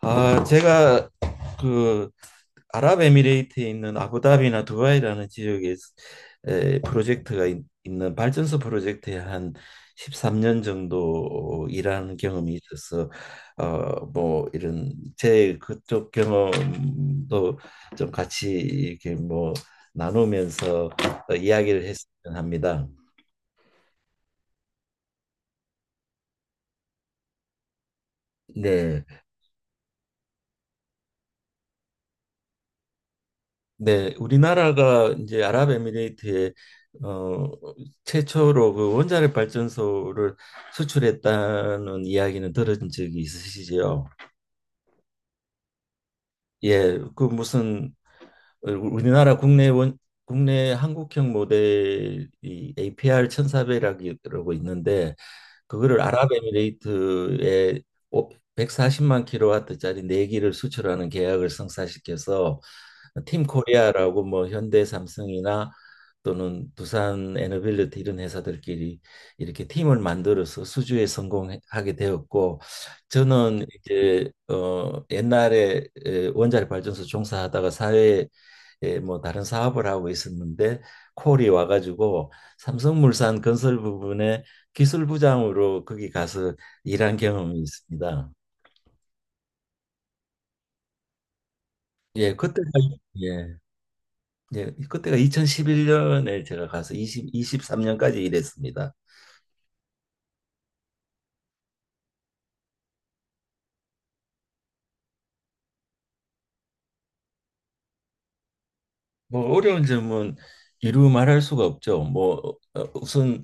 아, 제가 그 아랍에미레이트에 있는 아부다비나 두바이라는 지역에 프로젝트가 있, 는 발전소 프로젝트에 한 13년 정도 일하는 경험이 있어서 뭐 이런 제 그쪽 경험도 좀 같이 이렇게 뭐 나누면서 이야기를 했으면 합니다. 네. 네, 우리나라가 이제 아랍에미레이트에 어, 최초로 그 원자력 발전소를 수출했다는 이야기는 들은 적이 있으시죠? 예, 그 무슨 우리나라 국내 원 국내 한국형 모델이 APR 1400이라고 있는데 그거를, 네, 아랍에미레이트에 오- 140만 킬로와트짜리 네기를 수출하는 계약을 성사시켜서, 팀 코리아라고 뭐 현대 삼성이나 또는 두산 에너빌리티 이런 회사들끼리 이렇게 팀을 만들어서 수주에 성공하게 되었고, 저는 이제 옛날에 원자력 발전소 종사하다가 사회에, 예, 뭐 다른 사업을 하고 있었는데 콜이 와가지고 삼성물산 건설 부분에 기술부장으로 거기 가서 일한 경험이 있습니다. 예, 그때가 예, 예, 그때가 2011년에 제가 가서 23년까지 일했습니다. 뭐 어려운 점은 이루 말할 수가 없죠. 뭐 우선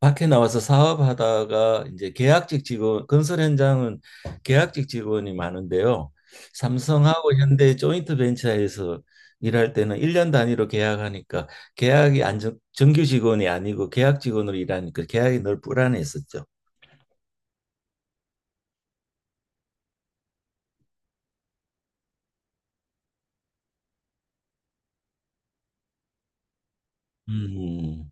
밖에 나와서 사업하다가 이제 계약직 직원, 건설 현장은 계약직 직원이 많은데요. 삼성하고 현대 조인트 벤처에서 일할 때는 일년 단위로 계약하니까, 계약이 정규 직원이 아니고 계약 직원으로 일하니까 계약이 늘 불안했었죠. 음.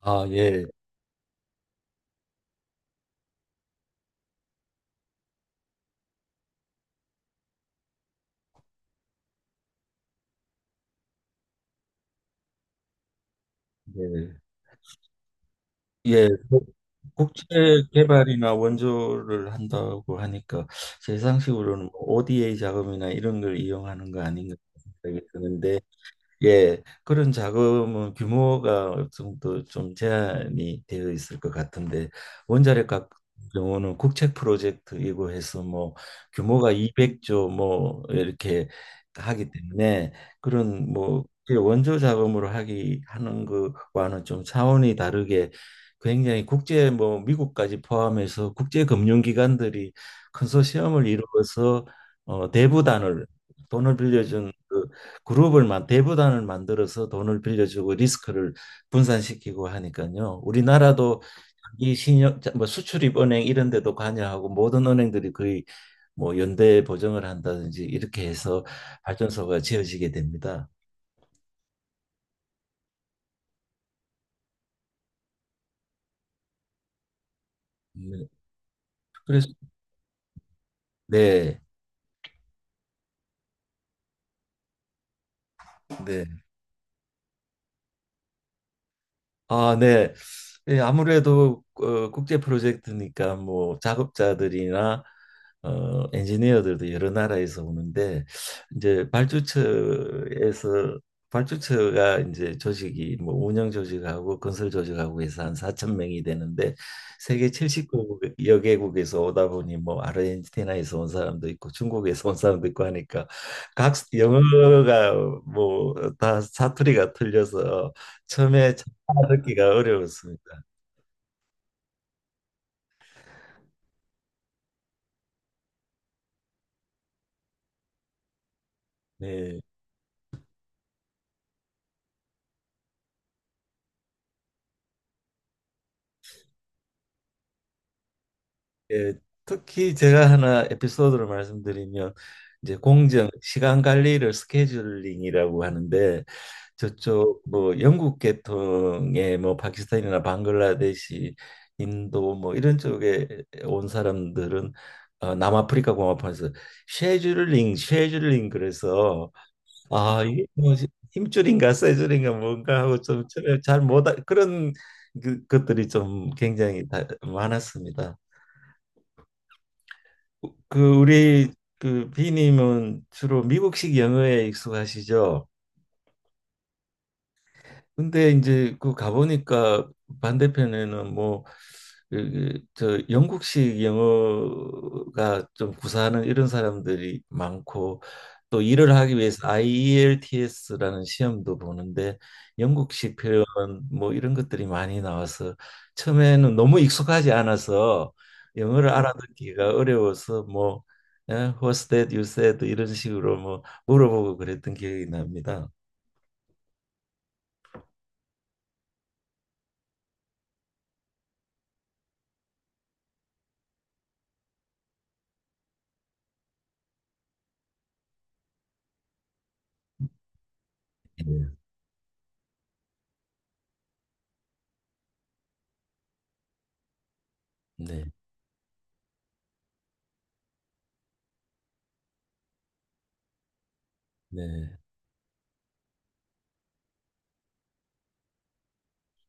아, 예. 예. 예, 뭐 국제 개발이나 원조를 한다고 하니까 제 상식으로는 뭐 ODA 자금이나 이런 걸 이용하는 거 아닌가 생각이 드는데, 예, 그런 자금은 규모가 어느 정도 좀 제한이 되어 있을 것 같은데, 원자력 같은 경우는 국책 프로젝트이고 해서 뭐 규모가 200조 뭐 이렇게 하기 때문에 그런 뭐 이게 원조 자금으로 하기 하는 것과는 좀 차원이 다르게, 굉장히 국제 뭐 미국까지 포함해서 국제 금융기관들이 컨소시엄을 이루어서 대부단을, 돈을 빌려준 그 그룹을 만 대부단을 만들어서 돈을 빌려주고 리스크를 분산시키고 하니까요. 우리나라도 이 신용 뭐 수출입은행 이런 데도 관여하고 모든 은행들이 거의 뭐 연대 보증을 한다든지 이렇게 해서 발전소가 지어지게 됩니다. 네. 그래서, 네. 네. 아, 네. 예, 아무래도 국제 프로젝트니까 뭐 작업자들이나 엔지니어들도 여러 나라에서 오는데, 이제 발주처에서 발주처가 이제 조직이 뭐 운영 조직하고 건설 조직하고 해서 한 4천 명이 되는데, 세계 70여 개국에서 오다 보니 뭐 아르헨티나에서 온 사람도 있고 중국에서 온 사람도 있고 하니까 각 영어가 뭐 다 사투리가 틀려서 처음에 찾기가 어려웠습니다. 네. 예, 특히 제가 하나 에피소드를 말씀드리면, 이제 공정 시간 관리를 스케줄링이라고 하는데, 저쪽 뭐 영국 계통의 뭐 파키스탄이나 방글라데시, 인도 뭐 이런 쪽에 온 사람들은 남아프리카 공화국에서 쉐줄링, 쉐줄링 그래서, 아, 이게 뭐 힘줄인가 쇠줄인가 뭔가 하고 좀 잘못 그런 것들이 좀 굉장히 많았습니다. 그 우리 그 비님은 주로 미국식 영어에 익숙하시죠? 근데 이제 그 가보니까 반대편에는 뭐 그 영국식 영어가 좀 구사하는 이런 사람들이 많고, 또 일을 하기 위해서 IELTS라는 시험도 보는데 영국식 표현 뭐 이런 것들이 많이 나와서 처음에는 너무 익숙하지 않아서 영어를 알아듣기가 어려워서 뭐, 예, What's that you said 이런 식으로 뭐 물어보고 그랬던 기억이 납니다. 네, 네, 네.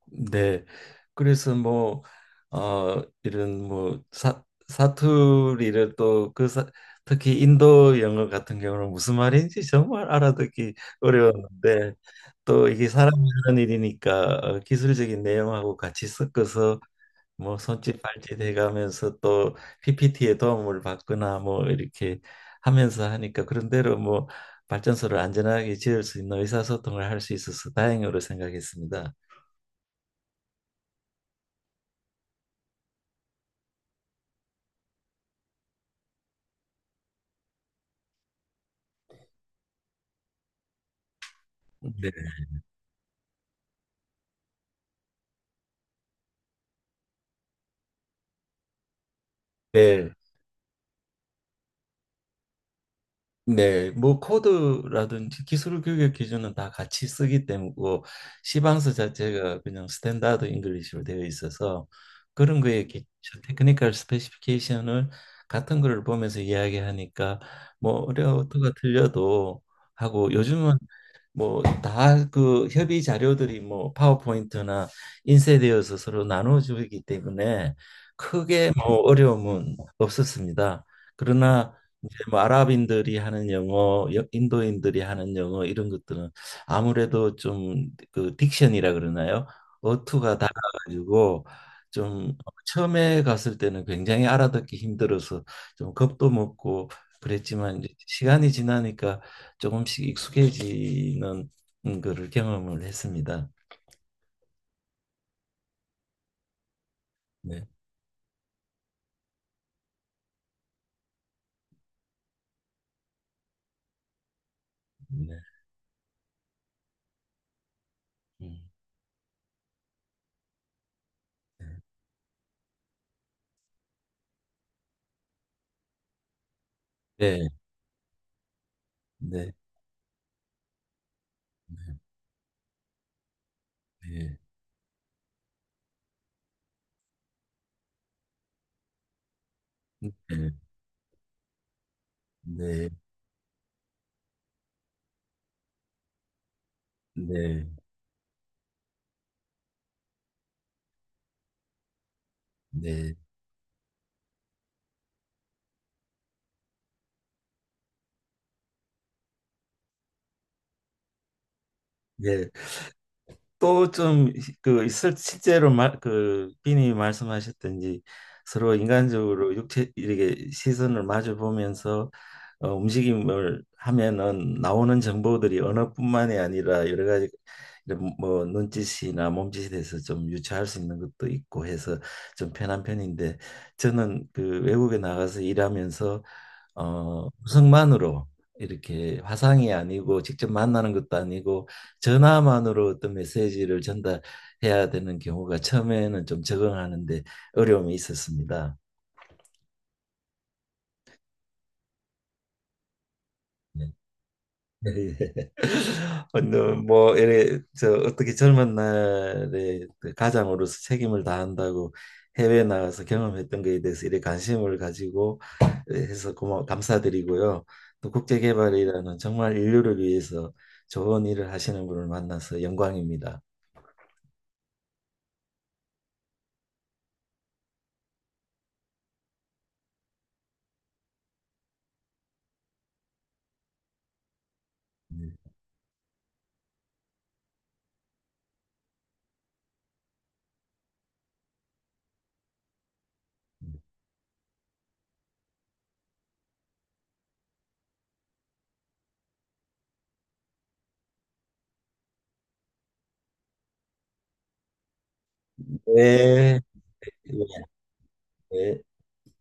네. 그래서 뭐, 이런 뭐 사투리를 또 그, 특히 인도 영어 같은 경우는 무슨 말인지 정말 알아듣기 어려웠는데, 또 이게 사람이 하는 일이니까 기술적인 내용하고 같이 섞어서 뭐 손짓 발짓 해가면서, 또 PPT의 도움을 받거나 뭐 이렇게 하면서 하니까 그런대로 뭐 발전소를 안전하게 지을 수 있는 의사소통을 할 수 있어서 다행으로 생각했습니다. 네. 네, 네, 뭐 코드라든지 기술 교육 기준은 다 같이 쓰기 때문에 뭐 시방서 자체가 그냥 스탠다드 잉글리시로 되어 있어서 그런 거에 기, 테크니컬 스페시피케이션을 같은 거를 보면서 이야기하니까 뭐 어려도가 틀려도 하고, 요즘은 뭐 다 그 협의 자료들이 뭐 파워포인트나 인쇄되어서 서로 나눠주기 때문에 크게 뭐 어려움은 없었습니다. 그러나 이제 뭐 아랍인들이 하는 영어, 인도인들이 하는 영어 이런 것들은 아무래도 좀 그 딕션이라 그러나요? 어투가 달라가지고 좀 처음에 갔을 때는 굉장히 알아듣기 힘들어서 좀 겁도 먹고 그랬지만, 이제 시간이 지나니까 조금씩 익숙해지는 거를 경험을 했습니다. 네, 네, 음, 네, 네, 네, 네, 네, 네, 네, 네, 네. 또 좀 그 실제로 그 비님이 말씀하셨던지 서로 인간적으로 육체 이렇게 시선을 마주 보면서 움직임을 하면은 나오는 정보들이 언어뿐만이 아니라 여러 가지 이런 뭐 눈짓이나 몸짓에 대해서 좀 유추할 수 있는 것도 있고 해서 좀 편한 편인데, 저는 그 외국에 나가서 일하면서 음성만으로, 이렇게 화상이 아니고 직접 만나는 것도 아니고 전화만으로 어떤 메시지를 전달해야 되는 경우가 처음에는 좀 적응하는데 어려움이 있었습니다. 네. 근데 뭐 이래 저 어떻게 젊은 날에 그 가장으로서 책임을 다한다고 해외 나가서 경험했던 거에 대해서 이래 관심을 가지고, 네, 해서 고마 감사드리고요. 또 국제개발이라는 정말 인류를 위해서 좋은 일을 하시는 분을 만나서 영광입니다. 네. 네. 네. 네.